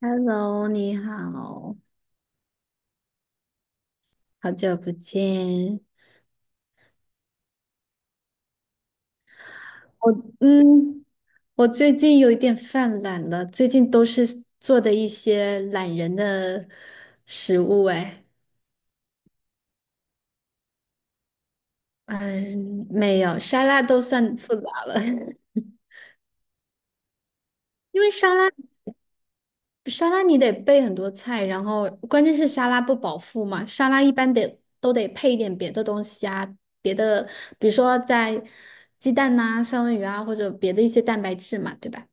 Hello，你好，好久不见。我嗯，我最近有一点犯懒了，最近都是做的一些懒人的食物。哎，嗯，没有，沙拉都算复杂了。因为沙拉你得备很多菜，然后关键是沙拉不饱腹嘛，沙拉一般得都得配一点别的东西啊，别的比如说在鸡蛋呐、三文鱼啊，或者别的一些蛋白质嘛，对吧？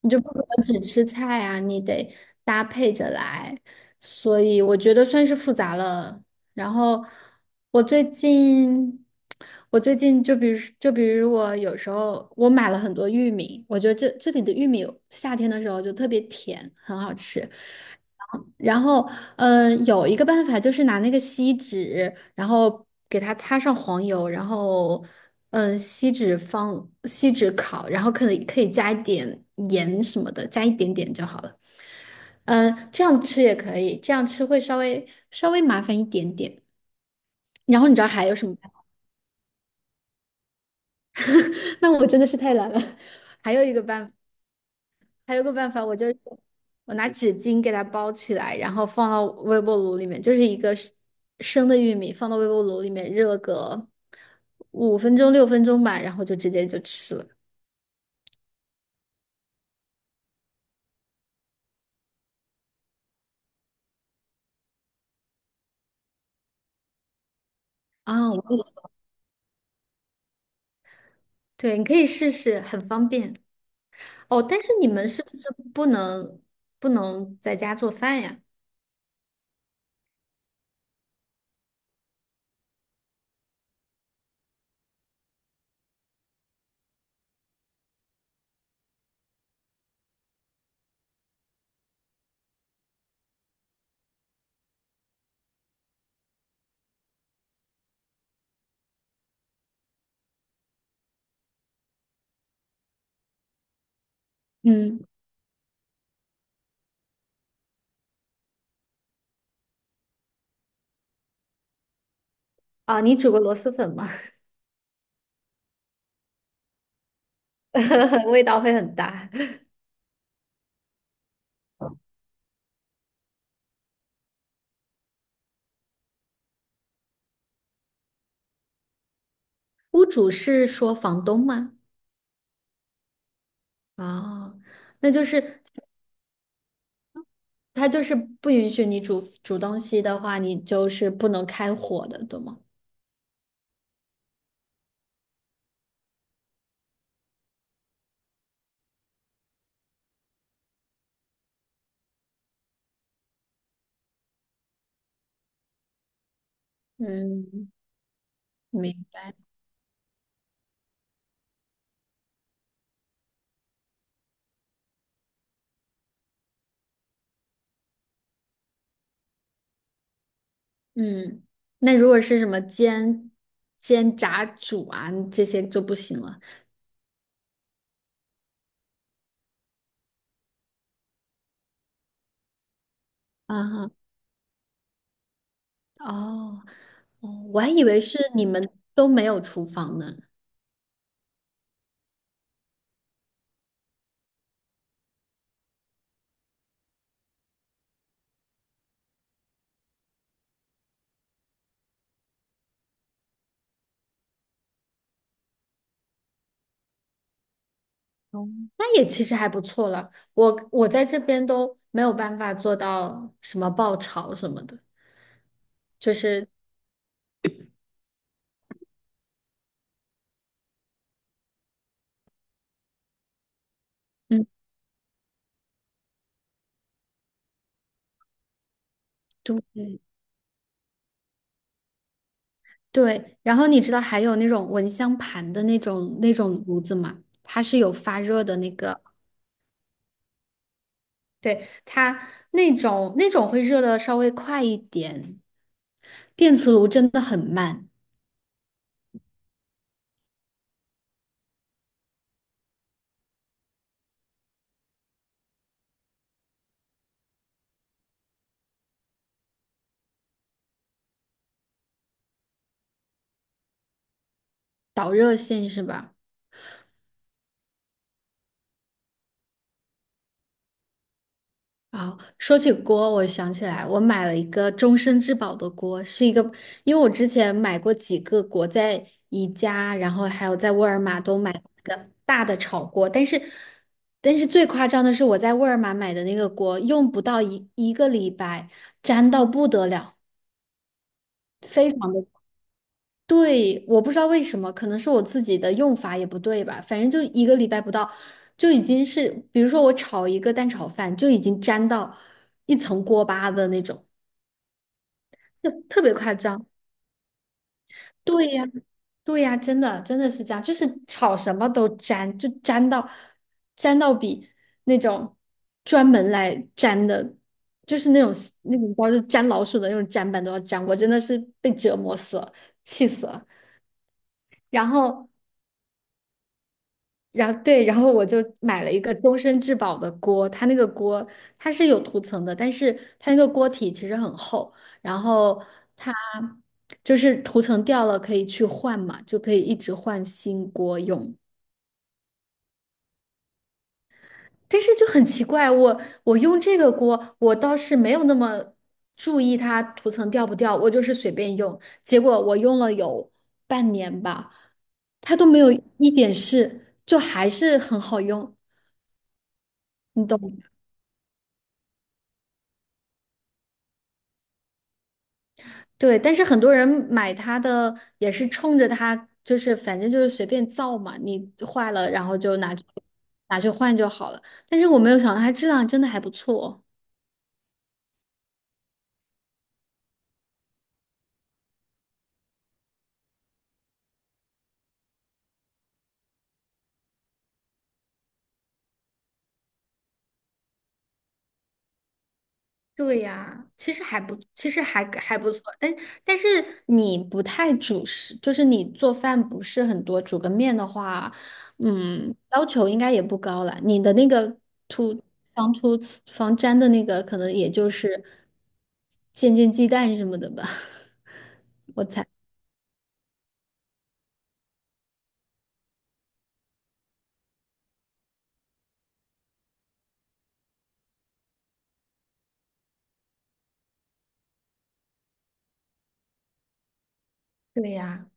你就不可能只吃菜啊，你得搭配着来，所以我觉得算是复杂了。然后我最近，我最近就比如我有时候我买了很多玉米，我觉得这里的玉米夏天的时候就特别甜，很好吃。然后，有一个办法就是拿那个锡纸，然后给它擦上黄油，然后，放锡纸烤，然后可以加一点盐什么的，加一点点就好了。这样吃也可以，这样吃会稍微麻烦一点点。然后你知道还有什么办法。 那我真的是太懒了。还有一个办法。还有个办法，我拿纸巾给它包起来，然后放到微波炉里面，就是一个生的玉米放到微波炉里面热个五分钟6分钟吧，然后就直接就吃了。啊，我也是，对，你可以试试，很方便哦。但是你们是不是不能不能在家做饭呀？嗯，啊，你煮过螺蛳粉吗？味道会很大。屋主是说房东吗？哦，那就是它就是不允许你煮煮东西的话，你就是不能开火的，对吗？嗯，明白。嗯，那如果是什么煎、炸、煮啊，这些就不行了。啊哈，哦，哦，我还以为是你们都没有厨房呢。哦，那也其实还不错了。我在这边都没有办法做到什么爆炒什么的，就是嗯，对，对，然后你知道还有那种蚊香盘的那种炉子吗？它是有发热的那个，对，它那种会热的稍微快一点，电磁炉真的很慢，导热线是吧？好，说起锅，我想起来，我买了一个终身质保的锅，是一个，因为我之前买过几个锅，在宜家，然后还有在沃尔玛都买过一个大的炒锅，但是最夸张的是我在沃尔玛买的那个锅，用不到一个礼拜，粘到不得了。非常的。对，我不知道为什么，可能是我自己的用法也不对吧。反正就一个礼拜不到，就已经是，比如说我炒一个蛋炒饭，就已经粘到一层锅巴的那种，就特别夸张。对呀，对呀，真的真的是这样，就是炒什么都粘，就粘到比那种专门来粘的，就是那种包是粘老鼠的那种粘板都要粘，我真的是被折磨死了，气死了。然后然后对，然后我就买了一个终身质保的锅，它那个锅它是有涂层的，但是它那个锅体其实很厚，然后它就是涂层掉了可以去换嘛，就可以一直换新锅用。但是就很奇怪，我用这个锅，我倒是没有那么注意它涂层掉不掉，我就是随便用，结果我用了有半年吧，它都没有一点事，就还是很好用，你懂吗？对，但是很多人买它的也是冲着它，就是反正就是随便造嘛，你坏了然后就拿去换就好了。但是我没有想到它质量真的还不错。对呀，其实还不错，但是你不太主食，就是你做饭不是很多，煮个面的话，要求应该也不高了。你的那个涂防涂防粘的那个，可能也就是煎煎鸡蛋什么的吧。对呀，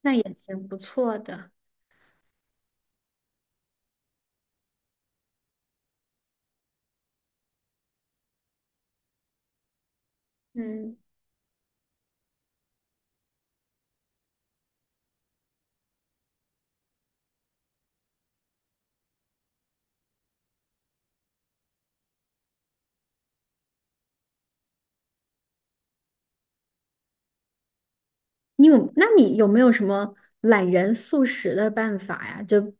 那也挺不错的。嗯，你有，那你有没有什么懒人速食的办法呀？就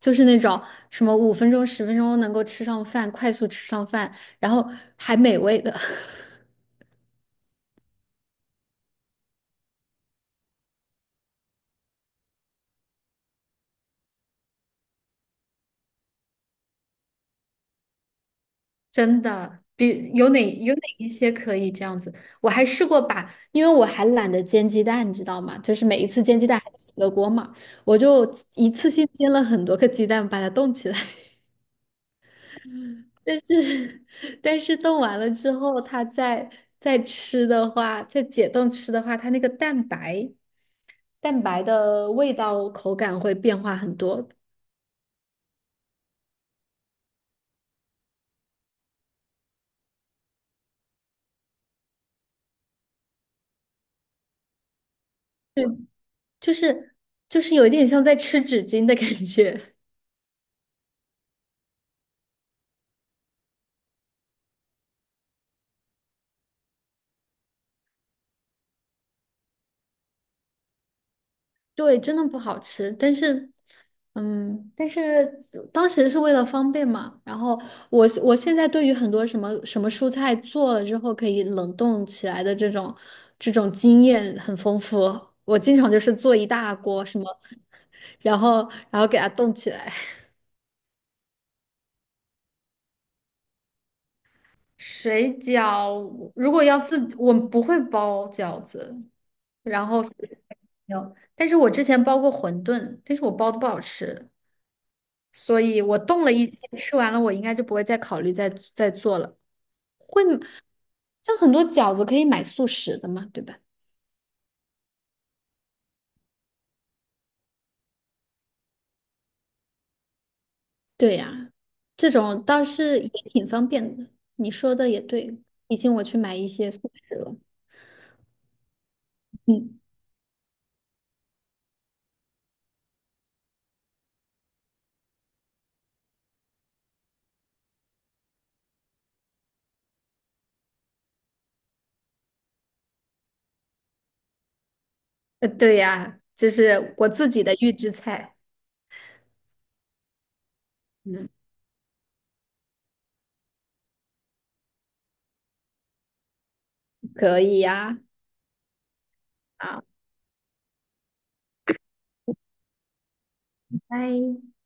就是那种什么五分钟、10分钟能够吃上饭，快速吃上饭，然后还美味的。真的，比有哪一些可以这样子？我还试过把，因为我还懒得煎鸡蛋，你知道吗？就是每一次煎鸡蛋还得洗个锅嘛，我就一次性煎了很多个鸡蛋，把它冻起来。但是，但是冻完了之后，它再吃的话，再解冻吃的话，它那个蛋白的味道口感会变化很多，对，就是就是有一点像在吃纸巾的感觉。对，真的不好吃，但是，嗯，但是当时是为了方便嘛。然后我现在对于很多什么什么蔬菜做了之后可以冷冻起来的这种经验很丰富，我经常就是做一大锅什么，然后给它冻起来。水饺如果要自己，我不会包饺子，然后没有，但是我之前包过馄饨，但是我包的不好吃。所以我动了一些，吃完了我应该就不会再考虑再做了。像很多饺子可以买速食的嘛，对吧？对呀，这种倒是也挺方便的。你说的也对，提醒我去买一些速食了。嗯，对呀，这是我自己的预制菜。嗯，可以呀。好，拜。